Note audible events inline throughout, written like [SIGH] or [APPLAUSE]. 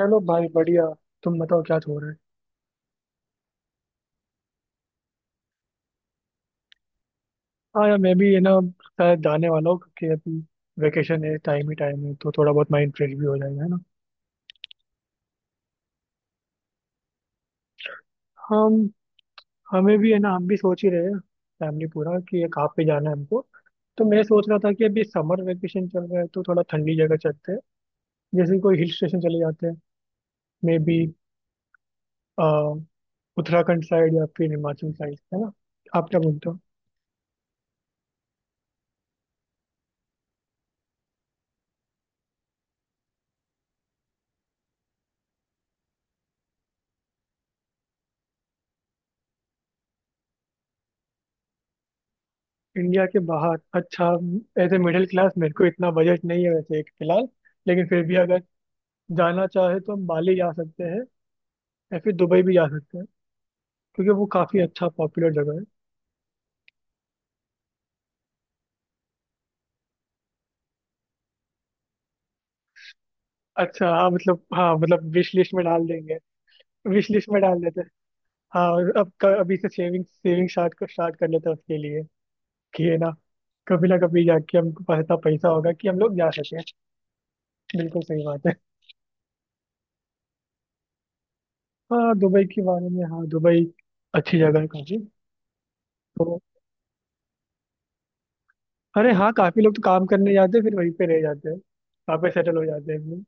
चलो भाई बढ़िया। तुम बताओ क्या हो रहा है? हाँ यार, मैं भी है ना शायद जाने वाला हूँ क्योंकि अभी वेकेशन है, टाइम ही टाइम है तो थोड़ा बहुत माइंड फ्रेश भी हो जाएगा है ना। हम हमें भी है ना, हम भी सोच ही रहे हैं फैमिली पूरा कि ये कहाँ पे जाना है हमको। तो मैं सोच रहा था कि अभी समर वेकेशन चल रहा है तो थोड़ा ठंडी जगह चलते हैं। जैसे कोई हिल स्टेशन चले जाते हैं, मे बी उत्तराखंड साइड या फिर हिमाचल साइड, है ना? आप क्या बोलते हो? इंडिया के बाहर, अच्छा। एज ए मिडिल क्लास मेरे को इतना बजट नहीं है वैसे एक फिलहाल। लेकिन फिर भी अगर जाना चाहे तो हम बाली जा सकते हैं या फिर दुबई भी जा सकते हैं क्योंकि वो काफ़ी अच्छा पॉपुलर जगह है। अच्छा हाँ, मतलब हाँ, मतलब विश लिस्ट में डाल देंगे। विश लिस्ट में डाल देते हैं हाँ। और अब अभी से सेविंग सेविंग स्टार्ट कर लेते हैं उसके लिए कि है ना कभी जाके हमको पास इतना पैसा होगा कि हम लोग जा सकें। बिल्कुल सही बात है। हाँ दुबई के बारे में, हाँ दुबई अच्छी जगह है काफ़ी। तो अरे हाँ, काफी लोग तो काम करने जाते हैं फिर वहीं पे रह जाते हैं वहाँ पे सेटल हो जाते हैं एकदम।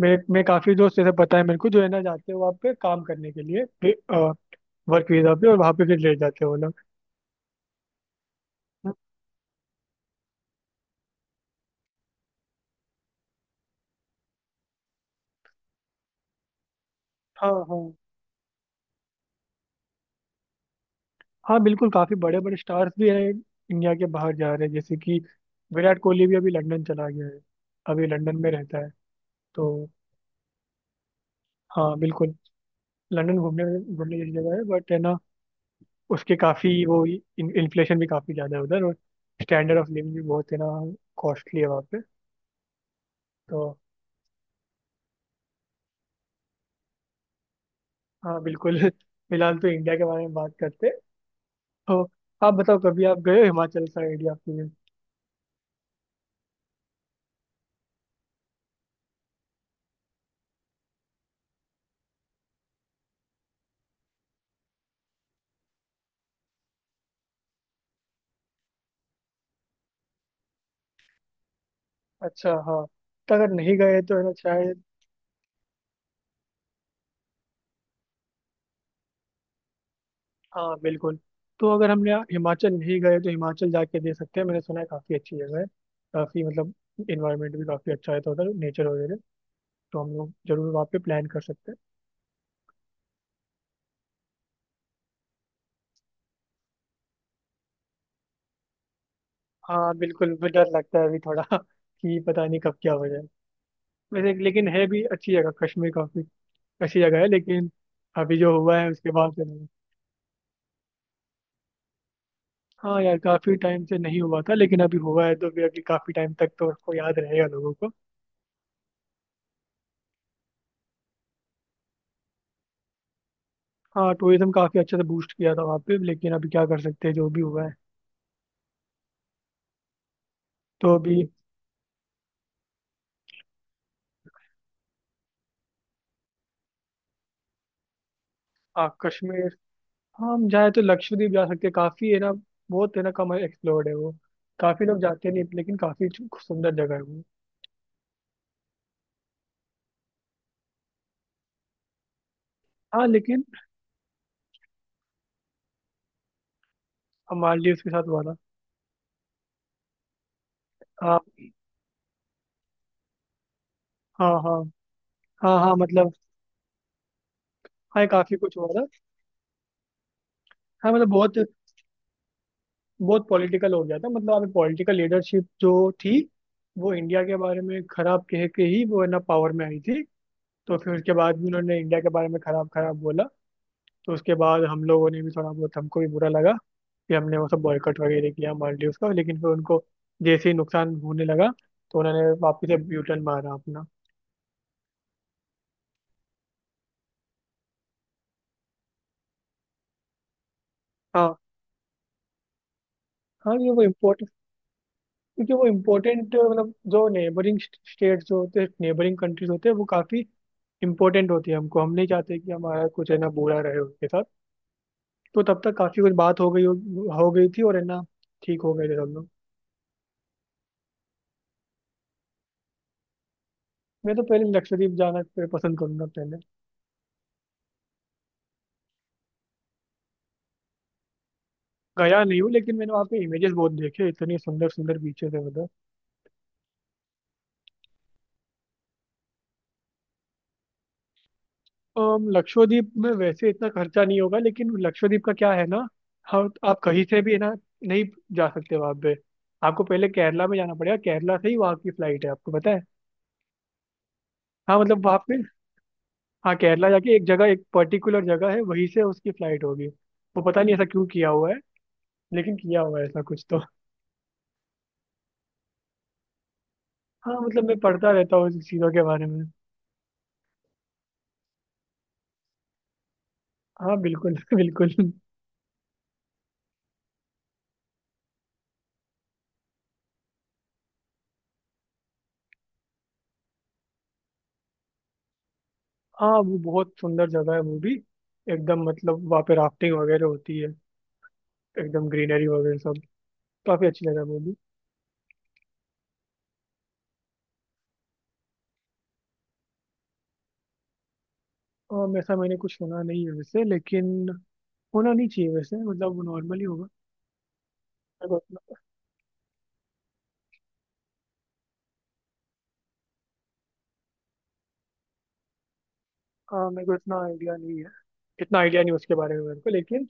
मेरे मैं काफी दोस्त जैसे पता है मेरे को जो है ना जाते हैं वहाँ पे काम करने के लिए वर्क वीजा पे, और वहाँ पे फिर रह जाते हैं वो लोग। हाँ हाँ। हाँ बिल्कुल, काफी बड़े बड़े स्टार्स भी हैं इंडिया के बाहर जा रहे हैं, जैसे कि विराट कोहली भी अभी लंदन चला गया है, अभी लंदन में रहता है तो। हाँ बिल्कुल, लंदन घूमने, घूमने जैसी जगह है बट है ना, उसके काफी वो इन्फ्लेशन भी काफी ज्यादा है उधर, और स्टैंडर्ड ऑफ लिविंग भी बहुत है ना, कॉस्टली है वहाँ पे तो। हाँ बिल्कुल [LAUGHS] फिलहाल तो इंडिया के बारे में बात करते हैं। तो आप बताओ कभी आप गए हो हिमाचल साइड या फिर? अच्छा हाँ। तो अगर नहीं गए तो है ना शायद। हाँ बिल्कुल। तो अगर हमने यहाँ हिमाचल नहीं गए तो हिमाचल जाके दे सकते हैं, मैंने सुना है काफ़ी अच्छी जगह है। काफ़ी मतलब इन्वायरमेंट भी काफ़ी अच्छा है तो उधर नेचर वगैरह, तो हम लोग जरूर वहाँ पे प्लान कर सकते हैं। हाँ बिल्कुल, मुझे डर लगता है अभी थोड़ा [LAUGHS] कि पता नहीं कब क्या हो जाए। वैसे लेकिन है भी अच्छी जगह कश्मीर, काफ़ी अच्छी जगह है लेकिन अभी जो हुआ है उसके बाद से। हाँ यार काफी टाइम से नहीं हुआ था लेकिन अभी हुआ है, तो फिर अभी काफी टाइम तक तो उसको याद रहेगा लोगों को। हाँ टूरिज्म काफी अच्छे से बूस्ट किया था वहाँ पे, लेकिन अभी क्या कर सकते हैं जो भी हुआ है तो अभी। हाँ कश्मीर। हाँ हम जाए तो लक्षद्वीप जा सकते हैं, काफी है ना, बहुत है ना, कम एक्सप्लोर्ड है वो, काफी लोग जाते नहीं लेकिन काफी सुंदर जगह है वो। हाँ लेकिन मालदीव के साथ हुआ था। हाँ हाँ। हाँ हाँ हाँ, मतलब। हाँ ये काफी कुछ हुआ था। हाँ मतलब बहुत, बहुत पॉलिटिकल हो गया था, मतलब अभी पॉलिटिकल लीडरशिप जो थी वो इंडिया के बारे में खराब कह के ही वो है ना पावर में आई थी। तो फिर उसके बाद भी उन्होंने इंडिया के बारे में खराब खराब बोला, तो उसके बाद हम लोगों ने भी थोड़ा बहुत, हमको भी बुरा लगा कि हमने वो सब बॉयकॉट वगैरह किया मालदीव का, लेकिन फिर उनको जैसे ही नुकसान होने लगा तो उन्होंने वापस से यू टर्न मारा अपना। हाँ हाँ, ये वो इम्पोर्टेंट, क्योंकि वो इम्पोर्टेंट मतलब जो नेबरिंग स्टेट्स जो होते हैं, नेबरिंग कंट्रीज होते हैं, वो काफ़ी इम्पोर्टेंट होती है हमको, हम नहीं चाहते कि हमारा कुछ है ना बुरा रहे उसके साथ। तो तब तक काफी कुछ बात हो गई थी, और है ना ठीक हो गए थे सब लोग। मैं तो पहले लक्षद्वीप जाना पसंद करूंगा पहले। गया नहीं हूँ लेकिन मैंने वहाँ पे इमेजेस बहुत देखे, इतनी सुंदर सुंदर बीचेस है उधर। लक्षद्वीप में वैसे इतना खर्चा नहीं होगा, लेकिन लक्षद्वीप का क्या है ना, हम आप कहीं से भी है ना नहीं जा सकते वहाँ पे। आपको पहले केरला में जाना पड़ेगा, केरला से ही वहाँ की फ्लाइट है आपको पता है। हाँ मतलब वहाँ पे। हाँ केरला जाके एक जगह, एक पर्टिकुलर जगह है वहीं से उसकी फ्लाइट होगी, वो पता नहीं ऐसा क्यों किया हुआ है लेकिन किया हुआ है ऐसा कुछ तो। हाँ मतलब मैं पढ़ता रहता हूँ इस चीज़ों के बारे में। हाँ बिल्कुल [LAUGHS] बिल्कुल। हाँ वो बहुत सुंदर जगह है वो भी, एकदम मतलब वहाँ पे राफ्टिंग वगैरह होती है, एकदम ग्रीनरी वगैरह सब, काफ़ी अच्छी जगह है वो भी। और ऐसा मैंने कुछ सुना नहीं है वैसे, लेकिन होना नहीं चाहिए वैसे, मतलब वो नॉर्मली होगा। मेरे को इतना। हाँ मेरे को इतना आइडिया नहीं है, इतना आइडिया नहीं उसके बारे में मेरे को, लेकिन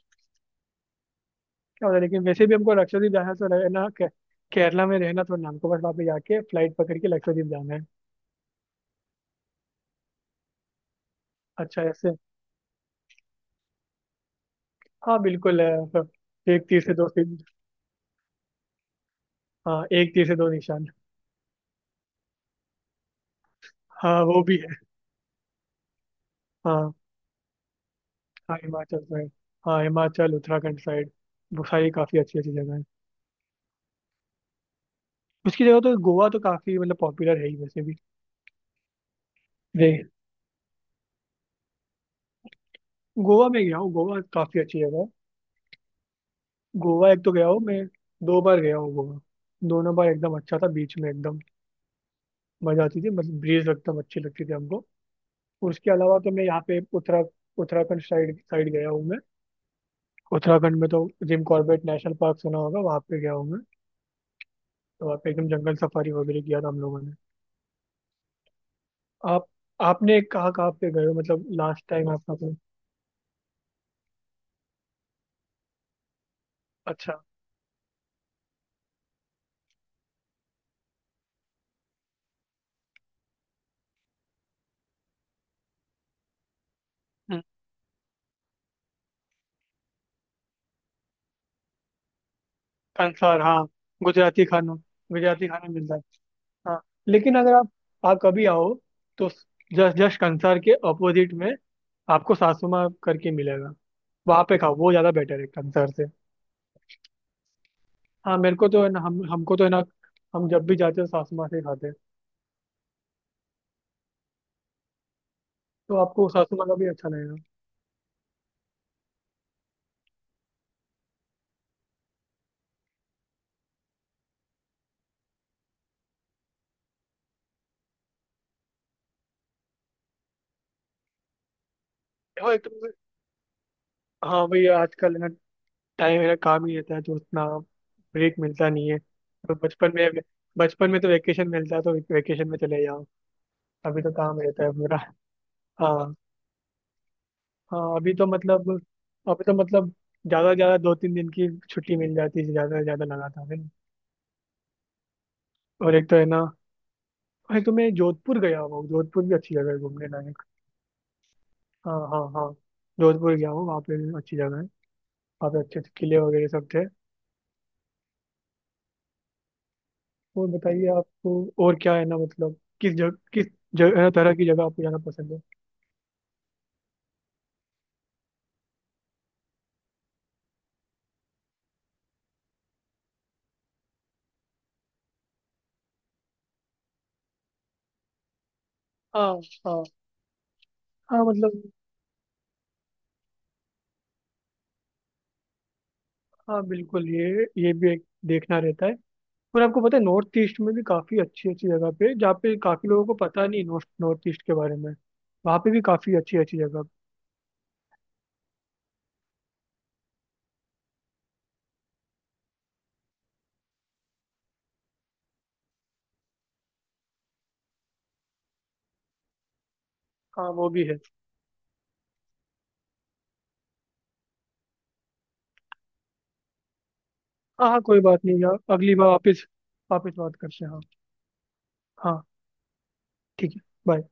क्या होता है। लेकिन वैसे भी हमको लक्षद्वीप जाना तो केरला में रहना तो नाम को, बस वहाँ पे जाके फ्लाइट पकड़ के लक्षद्वीप जाना है। अच्छा ऐसे। हाँ बिल्कुल है, मतलब एक तीर से दो तीर। हाँ एक तीर से दो निशान। हाँ वो भी है। हाँ हाँ हिमाचल साइड। हाँ हिमाचल उत्तराखंड साइड, वो सारी काफी अच्छी अच्छी जगह है। उसकी जगह तो गोवा तो काफी मतलब पॉपुलर है ही वैसे भी। दे गोवा में गया हूँ, गोवा काफी अच्छी जगह है। गोवा एक तो गया हूँ मैं, दो बार गया हूँ गोवा। दोनों बार एकदम अच्छा था, बीच में एकदम मजा आती थी, मतलब ब्रीज एकदम अच्छी लगती थी हमको। उसके अलावा तो मैं यहाँ पे उत्तराखंड साइड साइड गया हूँ मैं। उत्तराखंड में तो जिम कॉर्बेट नेशनल पार्क सुना होगा, वहाँ पे गया हूँ मैं। तो वहाँ पे एकदम जंगल सफारी वगैरह किया था हम लोगों ने। आप आपने कहाँ कहाँ पे गए हो, मतलब लास्ट टाइम आपका कोई? अच्छा। हम्म, कंसार हाँ, गुजराती खाना, गुजराती खाना मिलता है। हाँ लेकिन अगर आप, आप कभी आओ तो जस्ट जस्ट कंसार के अपोजिट में आपको सासुमा करके मिलेगा, वहाँ पे खाओ, वो ज़्यादा बेटर है कंसार से। हाँ मेरे को तो है ना, हम हमको तो है ना हम जब भी जाते हैं सासू माँ से ही खाते हैं। तो आपको सासू माँ का भी अच्छा लगेगा। और एक तो हाँ भाई आजकल है ना टाइम, है ना काम ही रहता है तो उतना ब्रेक मिलता नहीं है तो बचपन में, बचपन में तो वेकेशन मिलता है तो वेकेशन में चले जाओ। अभी तो काम रहता है पूरा। हाँ हाँ, अभी तो मतलब, अभी तो मतलब ज़्यादा से ज़्यादा दो तीन दिन की छुट्टी मिल जाती है, ज़्यादा से ज़्यादा लगातार है ना। और एक तो है ना, और एक तो मैं जोधपुर गया हुआ हूँ, जोधपुर भी अच्छी जगह है घूमने लायक। हाँ हाँ हाँ। जोधपुर गया हूँ, वहाँ पे भी अच्छी जगह है, वहाँ पे अच्छे अच्छे किले वगैरह सब थे। और बताइए आपको, और क्या है ना, मतलब किस जगह तरह की जगह आपको जाना पसंद है? हाँ हाँ हाँ, मतलब हाँ बिल्कुल, ये भी एक देखना रहता है। और आपको पता है नॉर्थ ईस्ट में भी काफ़ी अच्छी अच्छी जगह पे, जहाँ पे काफ़ी लोगों को पता नहीं नॉर्थ नॉर्थ ईस्ट के बारे में, वहाँ पे भी काफ़ी अच्छी अच्छी जगह। हाँ वो भी है। हाँ हाँ कोई बात नहीं यार, अगली बार वापस, बात करते हैं हाँ। हाँ ठीक है, बाय।